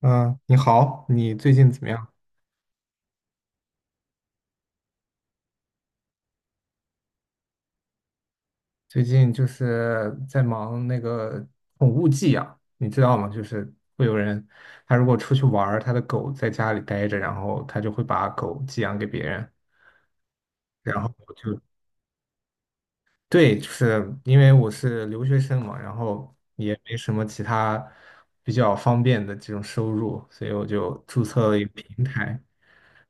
嗯，你好，你最近怎么样？最近就是在忙那个宠物寄养，你知道吗？就是会有人，他如果出去玩儿，他的狗在家里待着，然后他就会把狗寄养给别人，然后我就对，就是因为我是留学生嘛，然后也没什么其他比较方便的这种收入，所以我就注册了一个平台。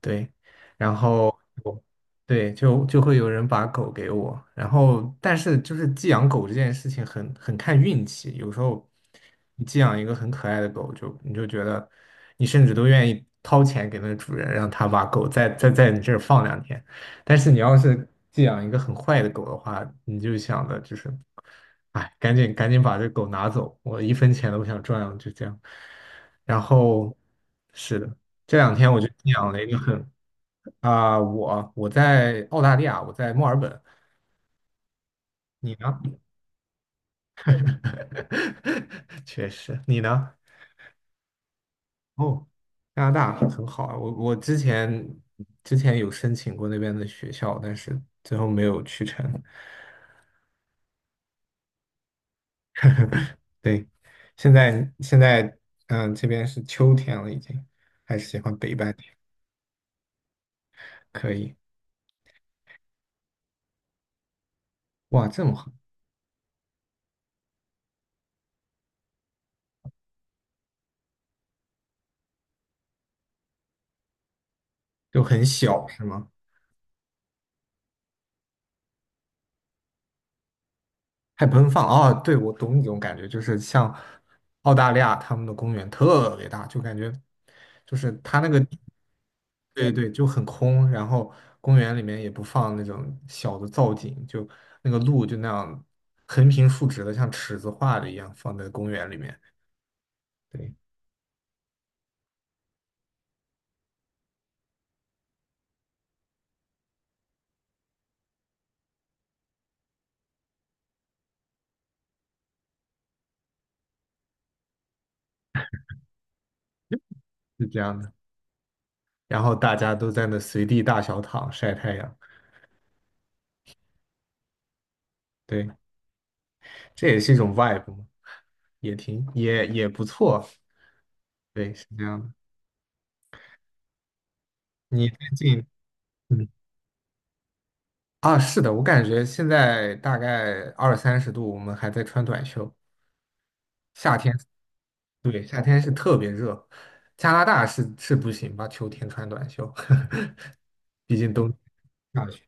对，然后我对就会有人把狗给我，然后但是就是寄养狗这件事情很看运气，有时候你寄养一个很可爱的狗，就你就觉得你甚至都愿意掏钱给那个主人，让他把狗再在你这儿放两天，但是你要是寄养一个很坏的狗的话，你就想的就是，哎，赶紧赶紧把这狗拿走，我一分钱都不想赚了，就这样，然后是的。这两天我就养了一个很我在澳大利亚，我在墨尔本，你呢？确实，你呢？哦，加拿大很好啊，我之前有申请过那边的学校，但是最后没有去成。对，现在这边是秋天了，已经还是喜欢北半天，可以。哇，这么好，就很小是吗？太奔放啊！对，我懂你这种感觉，就是像澳大利亚他们的公园特别大，就感觉就是它那个对对，就很空，然后公园里面也不放那种小的造景，就那个路就那样横平竖直的，像尺子画的一样放在公园里面，对，是这样的。然后大家都在那随地大小躺晒太阳，对，这也是一种 vibe 嘛，也挺不错，对，是这样的。你最近？嗯。啊，是的，我感觉现在大概二三十度，我们还在穿短袖。夏天，对，夏天是特别热。加拿大是不行吧？秋天穿短袖，毕竟冬下雪。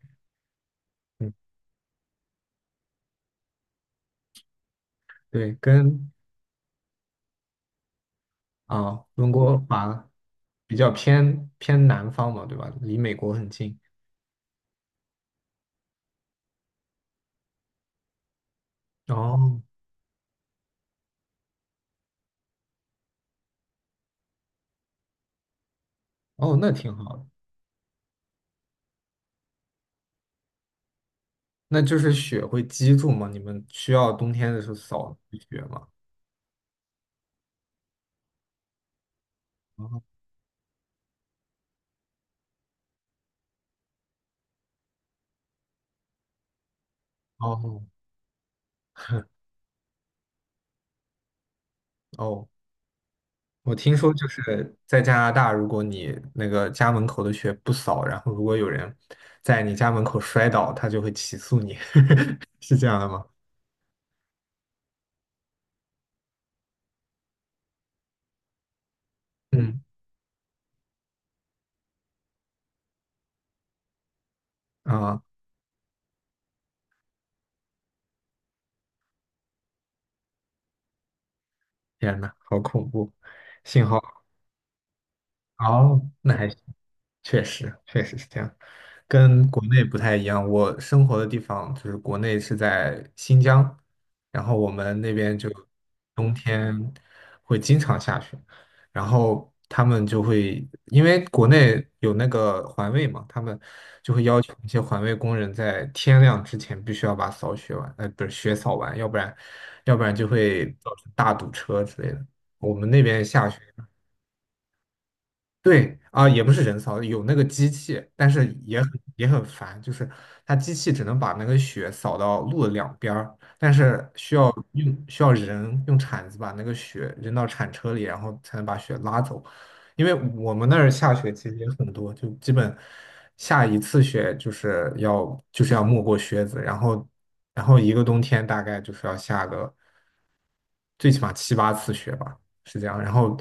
嗯，对，跟温哥华比较偏南方嘛，对吧？离美国很近。哦哦，那挺好的。那就是雪会积住吗？你们需要冬天的时候扫雪吗？哦哦 哦，我听说就是在加拿大，如果你那个家门口的雪不扫，然后如果有人在你家门口摔倒，他就会起诉你，是这样的吗？嗯，啊，天呐，好恐怖！幸好哦，那还行。确实，确实是这样，跟国内不太一样。我生活的地方就是国内是在新疆，然后我们那边就冬天会经常下雪，然后他们就会因为国内有那个环卫嘛，他们就会要求一些环卫工人在天亮之前必须要把扫雪完，不是雪扫完，要不然就会造成大堵车之类的。我们那边下雪。对啊，也不是人扫，有那个机器，但是也很烦，就是它机器只能把那个雪扫到路的两边儿，但是需要人用铲子把那个雪扔到铲车里，然后才能把雪拉走。因为我们那儿下雪其实也很多，就基本下一次雪就是要没过靴子，然后一个冬天大概就是要下个，最起码七八次雪吧，是这样。然后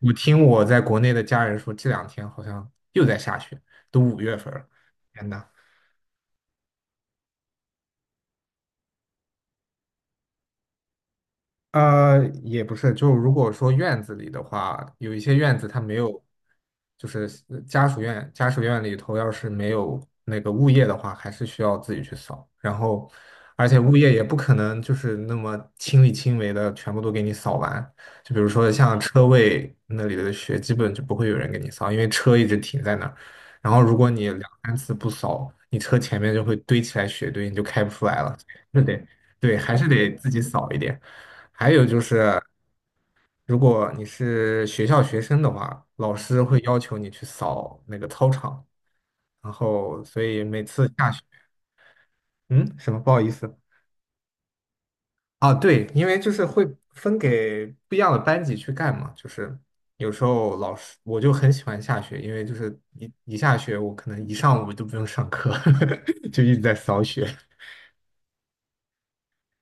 我听我在国内的家人说，这两天好像又在下雪，都5月份了，天呐！也不是，就如果说院子里的话，有一些院子它没有，就是家属院，家属院里头要是没有那个物业的话，还是需要自己去扫。然后，而且物业也不可能就是那么亲力亲为的全部都给你扫完。就比如说像车位那里的雪，基本就不会有人给你扫，因为车一直停在那儿。然后如果你两三次不扫，你车前面就会堆起来雪堆，你就开不出来了。是得，对，还是得自己扫一点。还有就是，如果你是学校学生的话，老师会要求你去扫那个操场，然后所以每次下雪，嗯，什么不好意思啊，对，因为就是会分给不一样的班级去干嘛，就是有时候我就很喜欢下雪，因为就是一下雪，我可能一上午都不用上课，就一直在扫雪，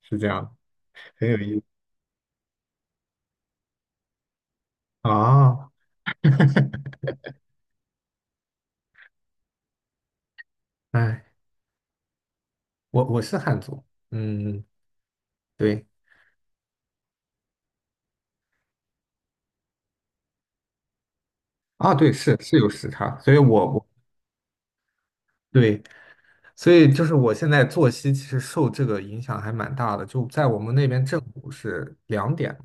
是这样，很有意思啊，哎，我是汉族，嗯。对。啊，对，是有时差，所以我对，所以就是我现在作息其实受这个影响还蛮大的。就在我们那边正午是两点，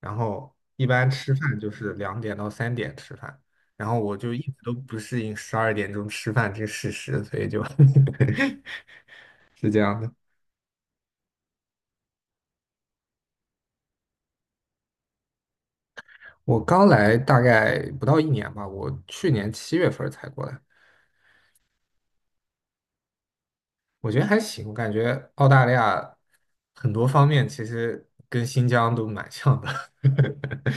然后一般吃饭就是两点到3点吃饭，然后我就一直都不适应12点钟吃饭这个事实，所以就 是这样的。我刚来大概不到一年吧，我去年7月份儿才过来。我觉得还行，我感觉澳大利亚很多方面其实跟新疆都蛮像的。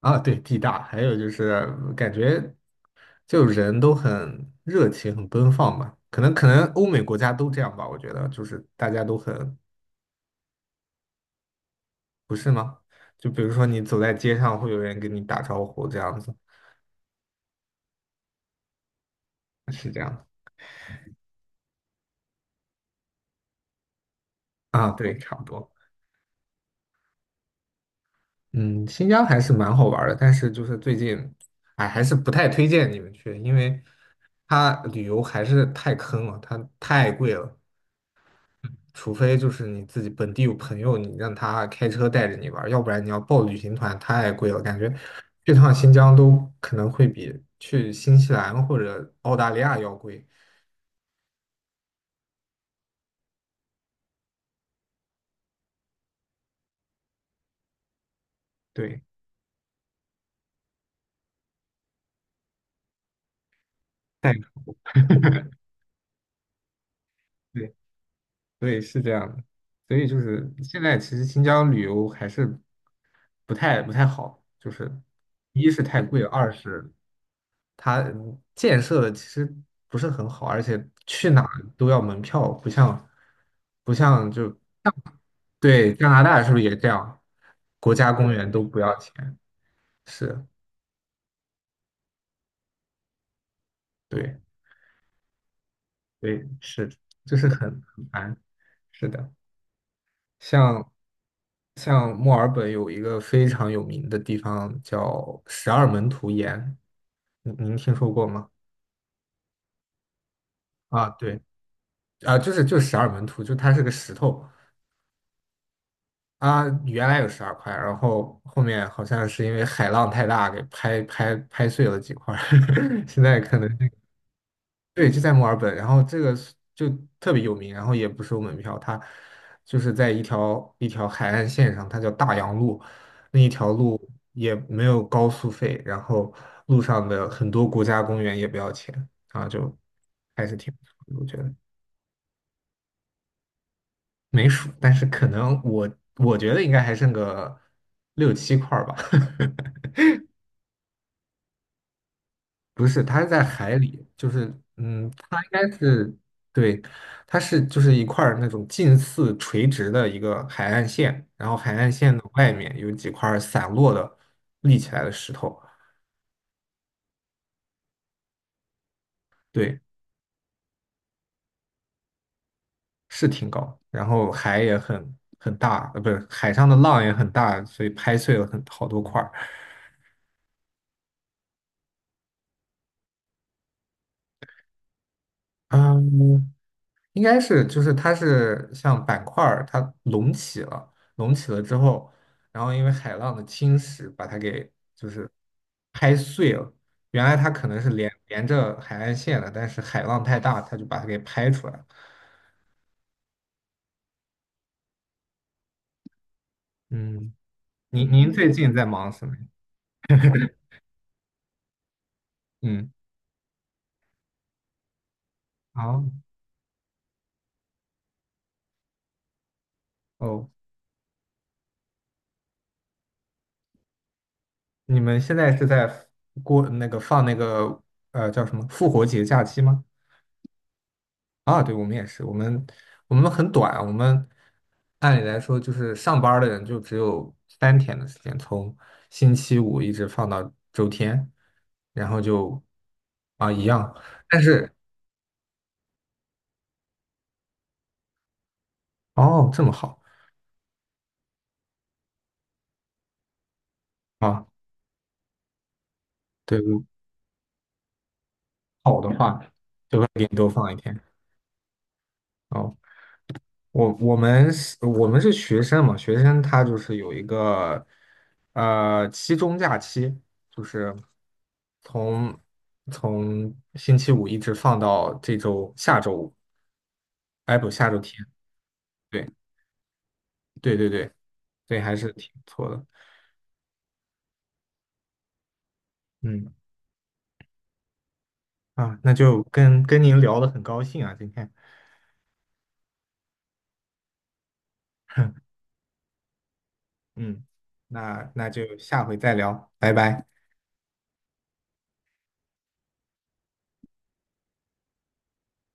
啊，对，地大，还有就是感觉就人都很热情、很奔放吧。可能欧美国家都这样吧，我觉得就是大家都很，不是吗？就比如说你走在街上，会有人跟你打招呼，这样子是这样的啊，对，差不多。嗯，新疆还是蛮好玩儿的，但是就是最近，哎，还是不太推荐你们去，因为它旅游还是太坑了，它太贵了。除非就是你自己本地有朋友，你让他开车带着你玩儿要不然你要报旅行团太贵了，感觉去趟新疆都可能会比去新西兰或者澳大利亚要贵。对，太贵 对，是这样的，所以就是现在其实新疆旅游还是不太好，就是一是太贵，二是它建设的其实不是很好，而且去哪儿都要门票，不像就对加拿大是不是也这样？国家公园都不要钱，是，对对是，就是很烦，是的。像像墨尔本有一个非常有名的地方叫十二门徒岩，您听说过吗？啊，对，啊，就是十二门徒，就它是个石头，啊，原来有12块，然后后面好像是因为海浪太大给拍碎了几块儿 现在可能。对，就在墨尔本，然后这个是就特别有名，然后也不收门票，它就是在一条海岸线上，它叫大洋路，那一条路也没有高速费，然后路上的很多国家公园也不要钱啊，就还是挺不错的我觉得没数，但是可能我觉得应该还剩个六七块儿吧。不是，它是在海里，就是它应该是对，它是就是一块儿那种近似垂直的一个海岸线，然后海岸线的外面有几块儿散落的立起来的石头，对，是挺高，然后海也很大，不是海上的浪也很大，所以拍碎了很好多块儿。嗯，应该是就是它是像板块儿，它隆起了，隆起了之后，然后因为海浪的侵蚀把它给就是拍碎了。原来它可能是连着海岸线的，但是海浪太大，它就把它给拍出来了。嗯，您最近在忙什么呀嗯，好哦，你们现在是在过那个放那个叫什么复活节假期吗？啊，对，我们也是，我们很短，我们按理来说就是上班儿的人就只有3天的时间，从星期五一直放到周天，然后就啊一样，但是哦这么好啊，对，我好的话就会给你多放一天哦。我们是学生嘛，学生他就是有一个期中假期，就是从星期五一直放到这周下周五，哎不下周天，对对对对对，还是挺不错的，嗯啊，那就跟您聊的很高兴啊，今天，嗯，那就下回再聊，拜拜。